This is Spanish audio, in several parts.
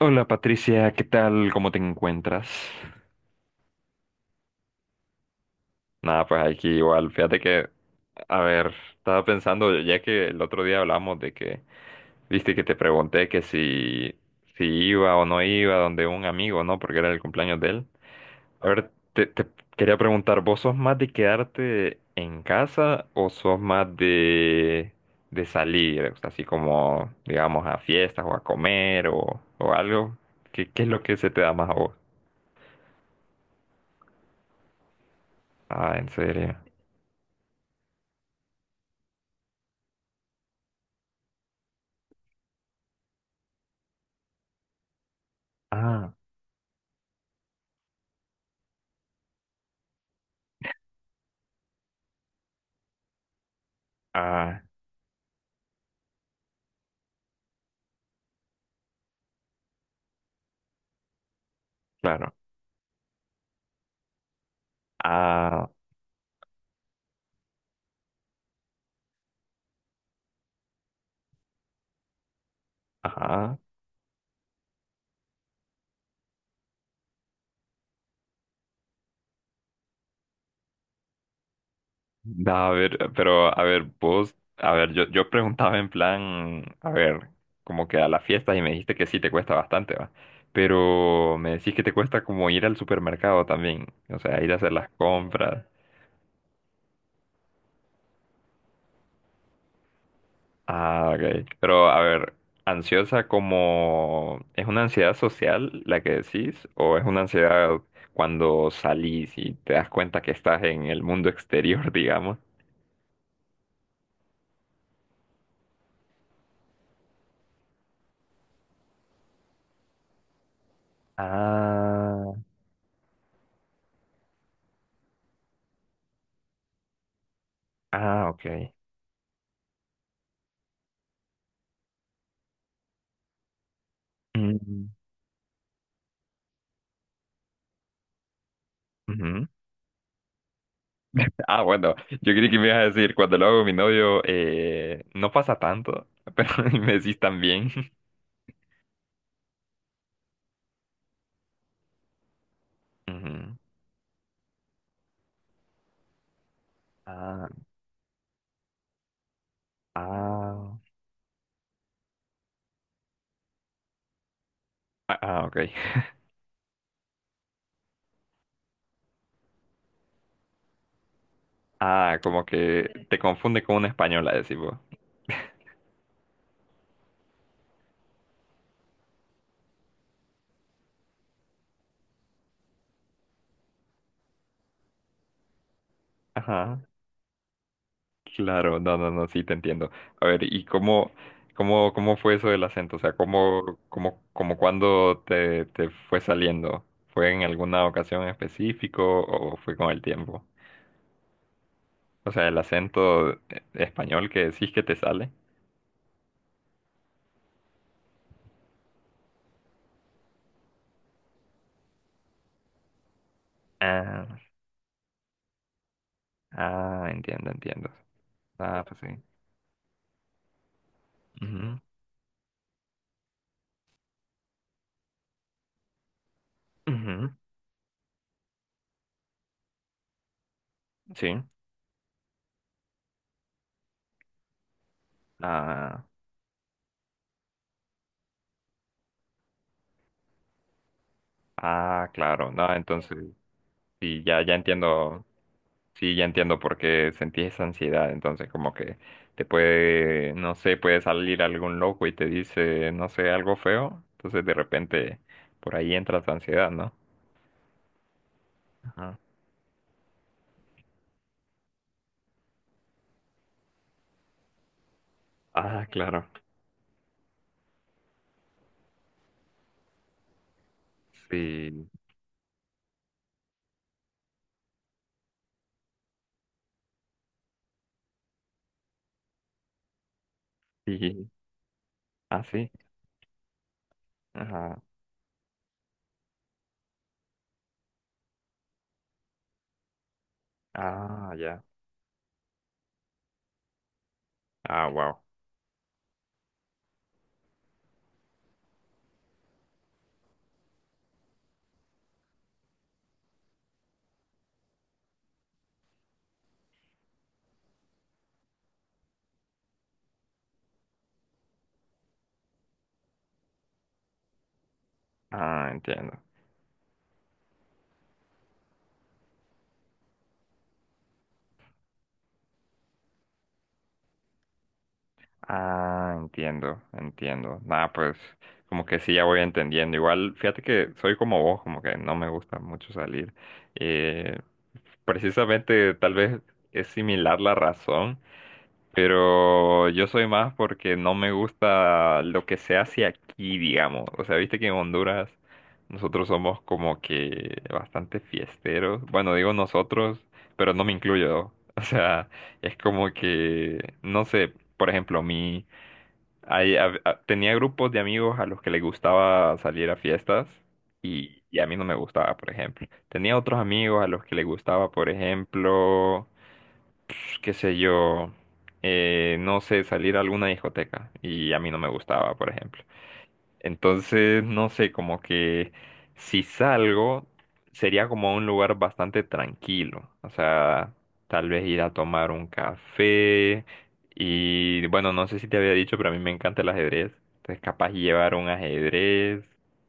Hola Patricia, ¿qué tal? ¿Cómo te encuentras? Nada, pues aquí igual. Fíjate que, a ver, estaba pensando, ya que el otro día hablamos de que, viste que te pregunté que si iba o no iba donde un amigo, ¿no? Porque era el cumpleaños de él. A ver, te quería preguntar, ¿vos sos más de quedarte en casa o sos más de salir? O sea, así como, digamos, a fiestas o a comer o algo. ¿Qué es lo que se te da más a vos? Ah, en serio. Ah, ah, claro. Ah, ajá. A ver, pero a ver, vos, a ver, yo preguntaba en plan, a ver, como que a las fiestas y me dijiste que sí te cuesta bastante, va. Pero me decís que te cuesta como ir al supermercado también, o sea, ir a hacer las compras. Ah, ok. Pero a ver, ansiosa como, ¿es una ansiedad social la que decís? ¿O es una ansiedad cuando salís y te das cuenta que estás en el mundo exterior, digamos? Ah, ah, ok. Mm, ujú. Ah, bueno, yo creí que me ibas a decir, cuando lo hago con mi novio, no pasa tanto, pero me decís también. Ujú. Ah, ah, ah, ah, ok. Ah, como que te confunde con una española, decís vos. Ajá. Claro, no, no, no, sí te entiendo. A ver, ¿y cómo fue eso del acento? O sea, ¿cómo cuándo te fue saliendo? ¿Fue en alguna ocasión en específico o fue con el tiempo? O sea, el acento español que decís que te sale. Ah, ah, entiendo, entiendo. Ah, pues sí. Ujú, ujú, sí. Ah, ah, claro. No, entonces, sí, ya, ya entiendo. Sí, ya entiendo por qué sentí esa ansiedad. Entonces, como que te puede, no sé, puede salir algún loco y te dice, no sé, algo feo. Entonces, de repente, por ahí entra tu ansiedad, ¿no? Ajá. Ah, claro. Sí, sí. Ah, sí. Ajá. Ah, ya. Ah, wow. Ah, entiendo. Ah, entiendo, entiendo. Nada, pues, como que sí, ya voy entendiendo. Igual, fíjate que soy como vos, como que no me gusta mucho salir. eh, Precisamente, tal vez es similar la razón, pero yo soy más porque no me gusta lo que se hace aquí, digamos. O sea, viste que en Honduras nosotros somos como que bastante fiesteros. Bueno, digo nosotros, pero no me incluyo. O sea, es como que, no sé, por ejemplo, Ahí tenía grupos de amigos a los que les gustaba salir a fiestas y a mí no me gustaba, por ejemplo. Tenía otros amigos a los que les gustaba, por ejemplo, qué sé yo, no sé, salir a alguna discoteca y a mí no me gustaba, por ejemplo. Entonces, no sé, como que si salgo, sería como a un lugar bastante tranquilo. O sea, tal vez ir a tomar un café. Y bueno, no sé si te había dicho, pero a mí me encanta el ajedrez. Entonces, capaz llevar un ajedrez.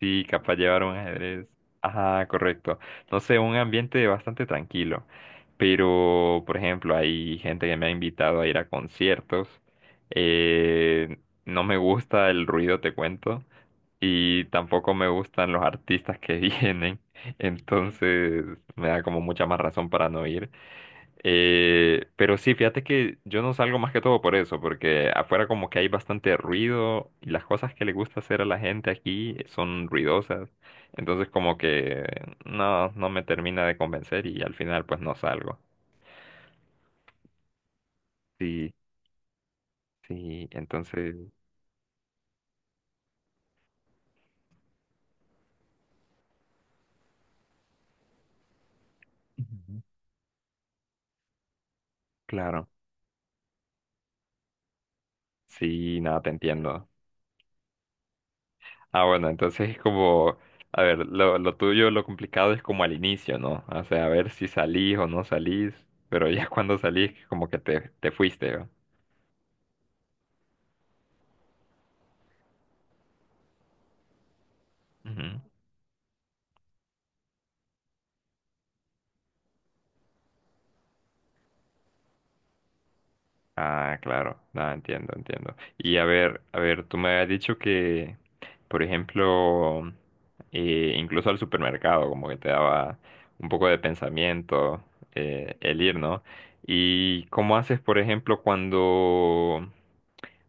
Sí, capaz llevar un ajedrez. Ajá, correcto. No sé, un ambiente bastante tranquilo. Pero, por ejemplo, hay gente que me ha invitado a ir a conciertos. Eh, no me gusta el ruido, te cuento y tampoco me gustan los artistas que vienen, entonces me da como mucha más razón para no ir. Pero sí, fíjate que yo no salgo más que todo por eso, porque afuera como que hay bastante ruido y las cosas que le gusta hacer a la gente aquí son ruidosas, entonces como que no, no me termina de convencer y al final pues no salgo. Sí, sí, entonces, ujú. Claro, sí, nada, te entiendo. Ah, bueno, entonces es como, a ver, lo tuyo, lo complicado es como al inicio, ¿no? O sea, a ver si salís o no salís, pero ya cuando salís, como que te fuiste, ¿no? Ujú. Ah, claro, no, entiendo, entiendo. Y a ver, tú me habías dicho que, por ejemplo, incluso al supermercado, como que te daba un poco de pensamiento el ir, ¿no? ¿Y cómo haces, por ejemplo? Cuando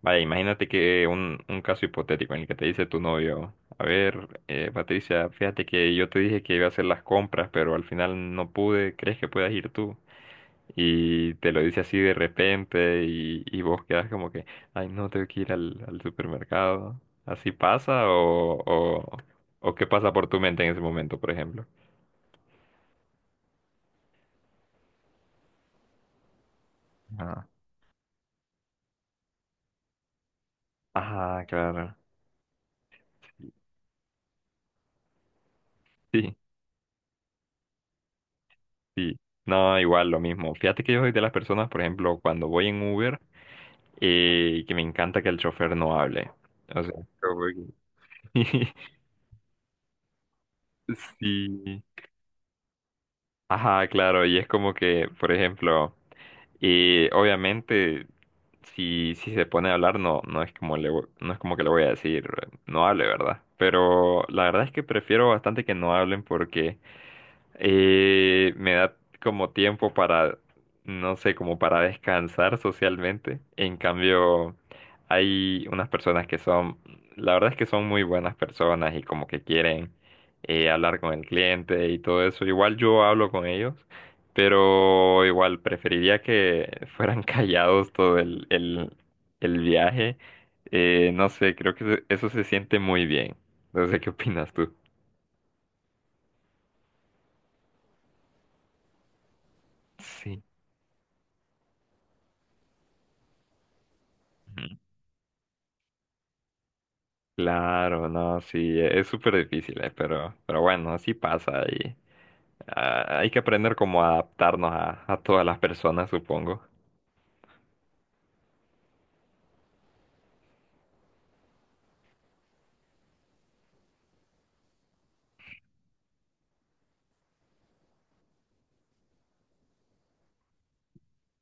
Vaya, imagínate que un caso hipotético en el que te dice tu novio, a ver, Patricia, fíjate que yo te dije que iba a hacer las compras, pero al final no pude, ¿crees que puedas ir tú? Y te lo dice así de repente y vos quedas como que, ay, no, tengo que ir al, al supermercado. ¿Así pasa o qué pasa por tu mente en ese momento, por ejemplo? Ah, ah, claro. Sí, sí. No, igual lo mismo. Fíjate que yo soy de las personas, por ejemplo, cuando voy en Uber, y que me encanta que el chofer no hable. O sea, como que- sí. Ajá, claro, y es como que, por ejemplo. Y obviamente, si se pone a hablar, no, no es como no es como que le voy a decir, no hable, ¿verdad? Pero la verdad es que prefiero bastante que no hablen porque me da como tiempo para, no sé, como para descansar socialmente. En cambio, hay unas personas que son, la verdad es que son muy buenas personas y como que quieren hablar con el cliente y todo eso. Igual yo hablo con ellos, pero igual preferiría que fueran callados todo el viaje. No sé, creo que eso se siente muy bien. No sé qué opinas tú. Sí. Ujú. Claro, no, sí, es súper difícil, pero bueno, así pasa y hay que aprender cómo adaptarnos a todas las personas, supongo.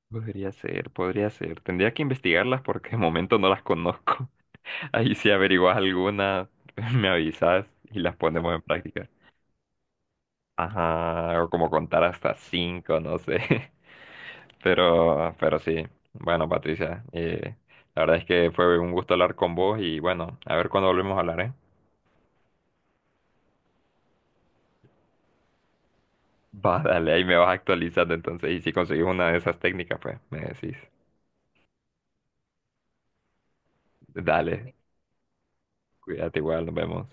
Podría ser, podría ser. Tendría que investigarlas porque de momento no las conozco. Ahí si averiguas alguna, me avisas y las ponemos en práctica. Ajá, o como contar hasta cinco, no sé. Pero sí. Bueno, Patricia, la verdad es que fue un gusto hablar con vos y bueno, a ver cuándo volvemos a hablar, ¿eh? Va, dale, ahí me vas actualizando entonces. Y si conseguís una de esas técnicas, pues me decís. Dale, cuídate igual, nos vemos.